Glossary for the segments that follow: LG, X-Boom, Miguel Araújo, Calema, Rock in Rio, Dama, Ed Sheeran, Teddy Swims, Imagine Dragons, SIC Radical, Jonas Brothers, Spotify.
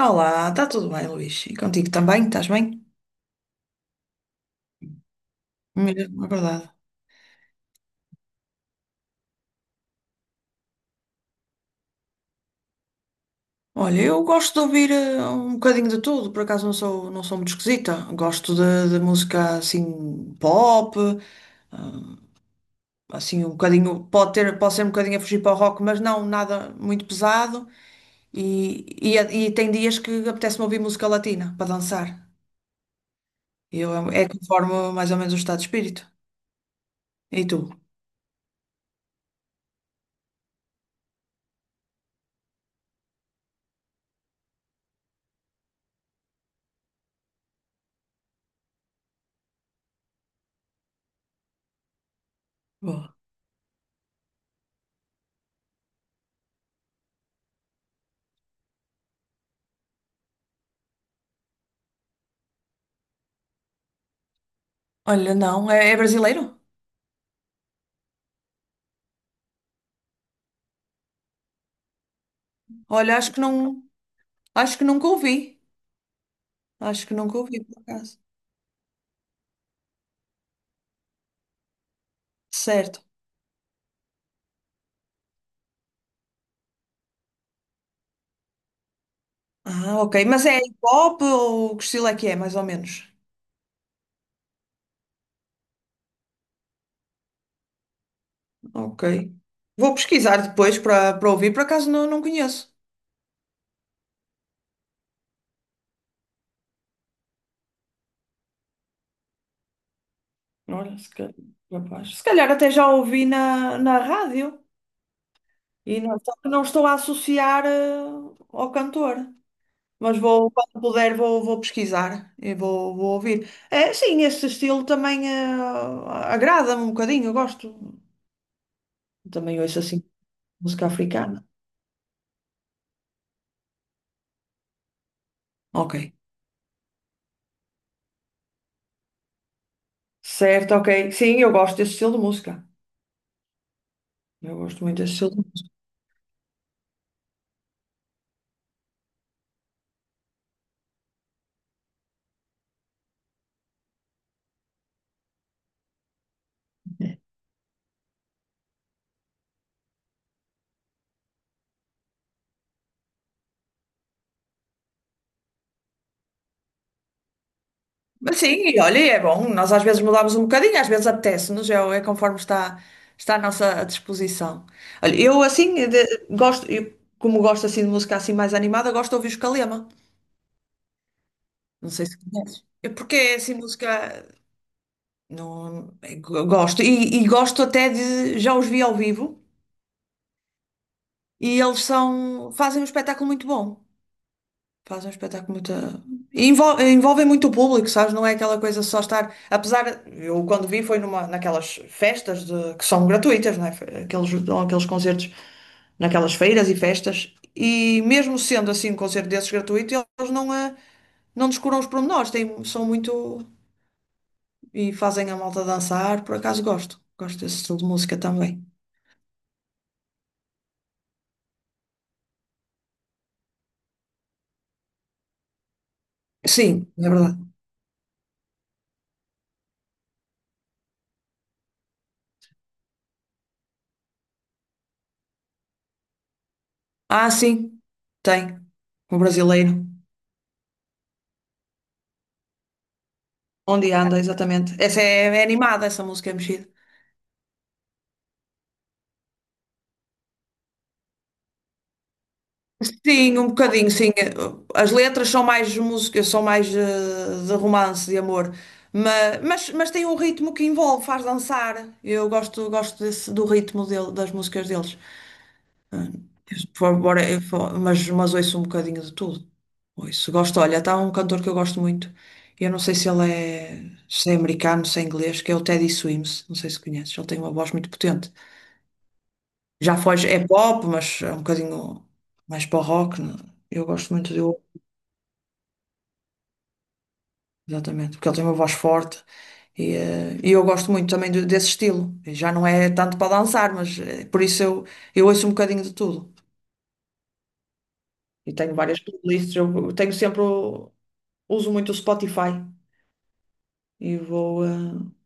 Olá, está tudo bem, Luís? E contigo também? Estás bem? Mesmo, é verdade. Olha, eu gosto de ouvir um bocadinho de tudo, por acaso não sou muito esquisita. Gosto de música assim pop, assim um bocadinho, pode ser um bocadinho a fugir para o rock, mas não nada muito pesado. E tem dias que apetece-me ouvir música latina para dançar. Eu, é conforme mais ou menos o estado de espírito. E tu? Boa. Olha, não, é, é brasileiro? Olha, acho que não, acho que nunca ouvi. acho que nunca ouvi, por acaso. Certo. Ah, ok. Mas é hip hop ou que estilo é que é, mais ou menos? Ok. Vou pesquisar depois para ouvir, por acaso não conheço. Olha, se calhar, rapaz. Se calhar até já ouvi na rádio e não, só que não estou a associar ao cantor. Mas vou, quando puder, vou pesquisar e vou ouvir. É, sim, esse estilo também agrada-me um bocadinho, eu gosto. Também ouço assim música africana. Ok. Certo, ok. Sim, eu gosto desse estilo de música. Eu gosto muito desse estilo de música. Mas sim, e olha, e é bom. Nós às vezes mudamos um bocadinho, às vezes apetece-nos, é, é conforme está, está à nossa disposição. Olha, eu assim gosto, eu, como gosto assim de música assim mais animada, gosto de ouvir os Calema. Não sei se conheces. É porque é assim música. Não, é, gosto. E gosto até de. Já os vi ao vivo e eles são, fazem um espetáculo muito bom. Faz um espetáculo muito. Envolve muito o público, sabes? Não é aquela coisa só estar. Apesar, eu quando vi foi numa, naquelas festas que são gratuitas, não é? Aqueles, dão aqueles concertos naquelas feiras e festas. E mesmo sendo assim um concerto desses gratuito, eles não, não descuram os pormenores, têm, são muito. E fazem a malta dançar. Por acaso gosto. Gosto desse estilo de música também. Sim, é verdade. Ah, sim, tem. Um brasileiro. Onde anda, exatamente. Essa é, é animada, essa música é mexida. Sim, um bocadinho, sim. As letras são mais músicas, são mais de romance, de amor. Mas tem um ritmo que envolve, faz dançar. Eu gosto, gosto desse, do ritmo dele, das músicas deles. Ah, por favor, eu mas ouço um bocadinho de tudo. Ouço, gosto. Olha, está um cantor que eu gosto muito. Eu não sei se ele é, se é americano, se é inglês, que é o Teddy Swims. Não sei se conheces. Ele tem uma voz muito potente. Já foge, é pop, mas é um bocadinho mais para o rock, né? Eu gosto muito dele, exatamente, porque ele tem uma voz forte e eu gosto muito também desse estilo. E já não é tanto para dançar, mas por isso eu ouço um bocadinho de tudo. E tenho várias playlists, eu tenho sempre, uso muito o Spotify e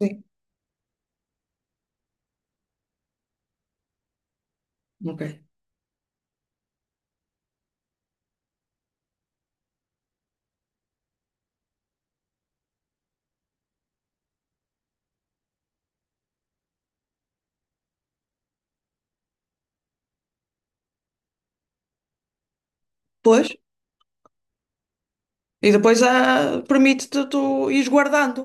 sim, ok. Pois, e depois permite-te tu ires guardando.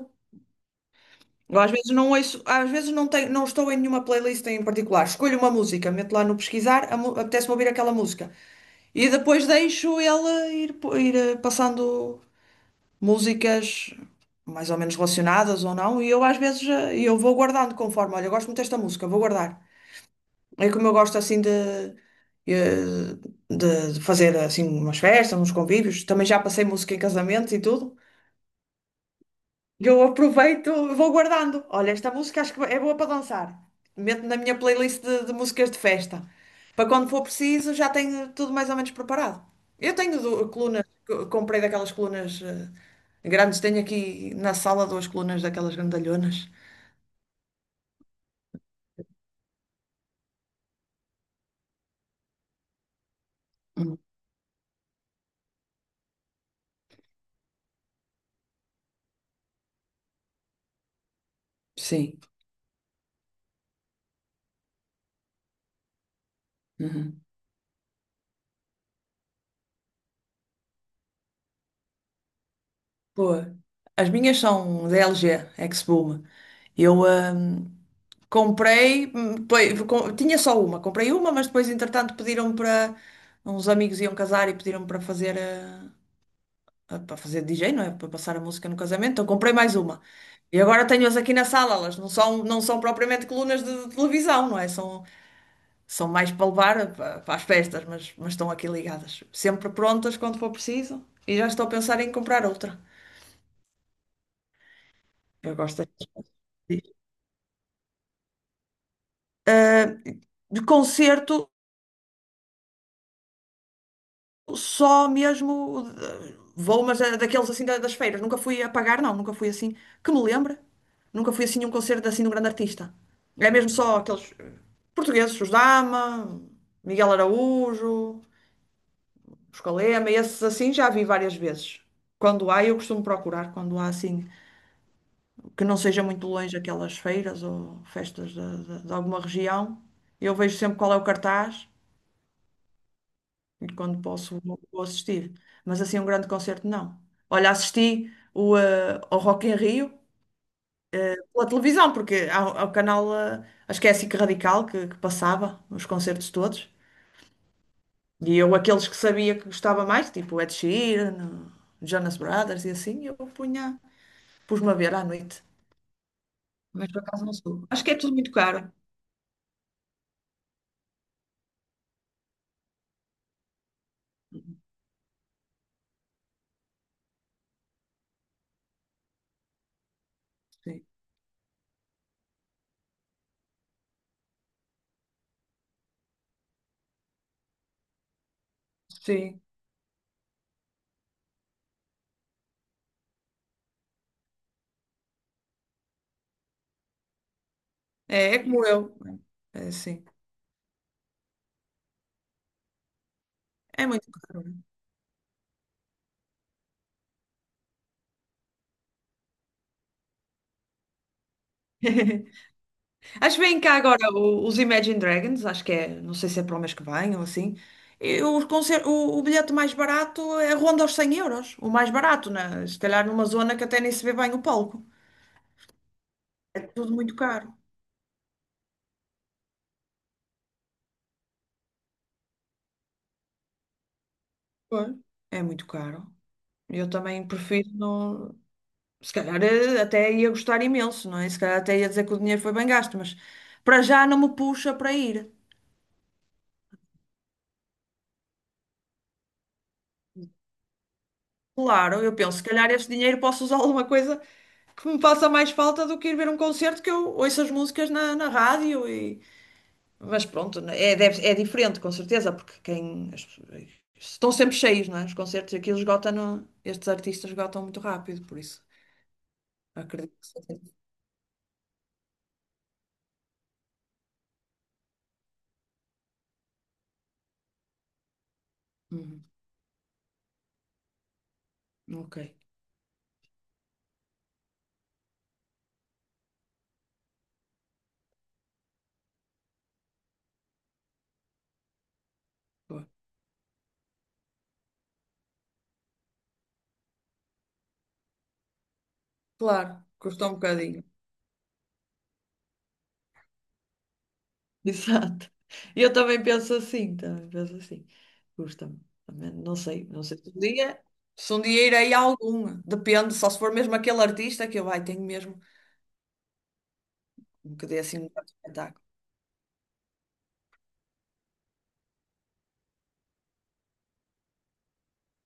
Eu às vezes não ouço, às vezes não tenho, não estou em nenhuma playlist em particular. Escolho uma música, meto lá no pesquisar, a apetece-me ouvir aquela música. E depois deixo ele ir, ir passando músicas mais ou menos relacionadas ou não. E eu às vezes eu vou guardando conforme, olha, eu gosto muito desta música, vou guardar. É como eu gosto assim de, eh, de fazer assim umas festas, uns convívios. Também já passei música em casamento e tudo. Eu aproveito, vou guardando. Olha, esta música acho que é boa para dançar. Meto na minha playlist de músicas de festa. Para quando for preciso, já tenho tudo mais ou menos preparado. Eu tenho colunas, comprei daquelas colunas grandes, tenho aqui na sala duas colunas daquelas grandalhonas. Sim. Uhum. Boa. As minhas são da LG, X-Boom. Eu, ahm, Comprei, depois, tinha só uma, comprei uma, mas depois, entretanto, pediram para uns amigos iam casar e pediram para fazer para fazer DJ, não é? Para passar a música no casamento, então comprei mais uma. E agora tenho-as aqui na sala, elas não são, não são propriamente colunas de televisão, não é? São, são mais para levar para as festas, mas estão aqui ligadas, sempre prontas quando for preciso, e já estou a pensar em comprar outra. Eu gosto destas. De concerto. Só mesmo vou, mas é daqueles assim das feiras. Nunca fui a pagar, não, nunca fui assim. Que me lembre. Nunca fui assim a um concerto assim de um grande artista. É mesmo só aqueles portugueses, os Dama, Miguel Araújo, os Calema, esses assim já vi várias vezes. Quando há, eu costumo procurar, quando há assim, que não seja muito longe aquelas feiras ou festas de alguma região, eu vejo sempre qual é o cartaz e quando posso vou assistir. Mas assim, um grande concerto, não. Olha, assisti ao Rock in Rio pela televisão, porque há o canal, acho que é a SIC Radical, que passava os concertos todos. E eu, aqueles que sabia que gostava mais, tipo Ed Sheeran, Jonas Brothers e assim, pus-me a ver à noite. Mas por acaso não sou. Acho que é tudo muito caro. Sim. Sim. É, é como eu. É, sim. É muito caro. Acho que vem cá agora os Imagine Dragons, acho que é, não sei se é para o mês que vem ou assim. E os o bilhete mais barato é ronda aos 100€, o mais barato, né? Se calhar numa zona que até nem se vê bem o palco. É tudo muito caro. Pois. É muito caro. Eu também prefiro não. Se calhar até ia gostar imenso, não é? Se calhar até ia dizer que o dinheiro foi bem gasto, mas para já não me puxa para ir. Claro, eu penso, se calhar este dinheiro posso usar alguma coisa que me faça mais falta do que ir ver um concerto que eu ouço as músicas na rádio e... Mas pronto, né, é, é diferente, com certeza, porque quem... as pessoas... Estão sempre cheios, não é? Os concertos aqui eles esgotam, estes artistas esgotam muito rápido, por isso acredito que seja. Uhum, ok, boa. Claro, custa um bocadinho. Exato. Eu também penso assim, também penso assim. Custa-me. Também não sei, não sei se um dia, se um dia irei a algum. Depende, só se for mesmo aquele artista que eu, ai, tenho mesmo que dê assim um grande espetáculo.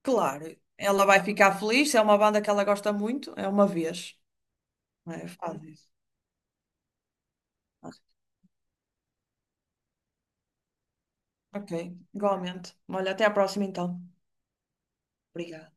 Claro, ela vai ficar feliz, se é uma banda que ela gosta muito, é uma vez. Não é, faz isso. Ok, igualmente. Olha, até à próxima então. Obrigada.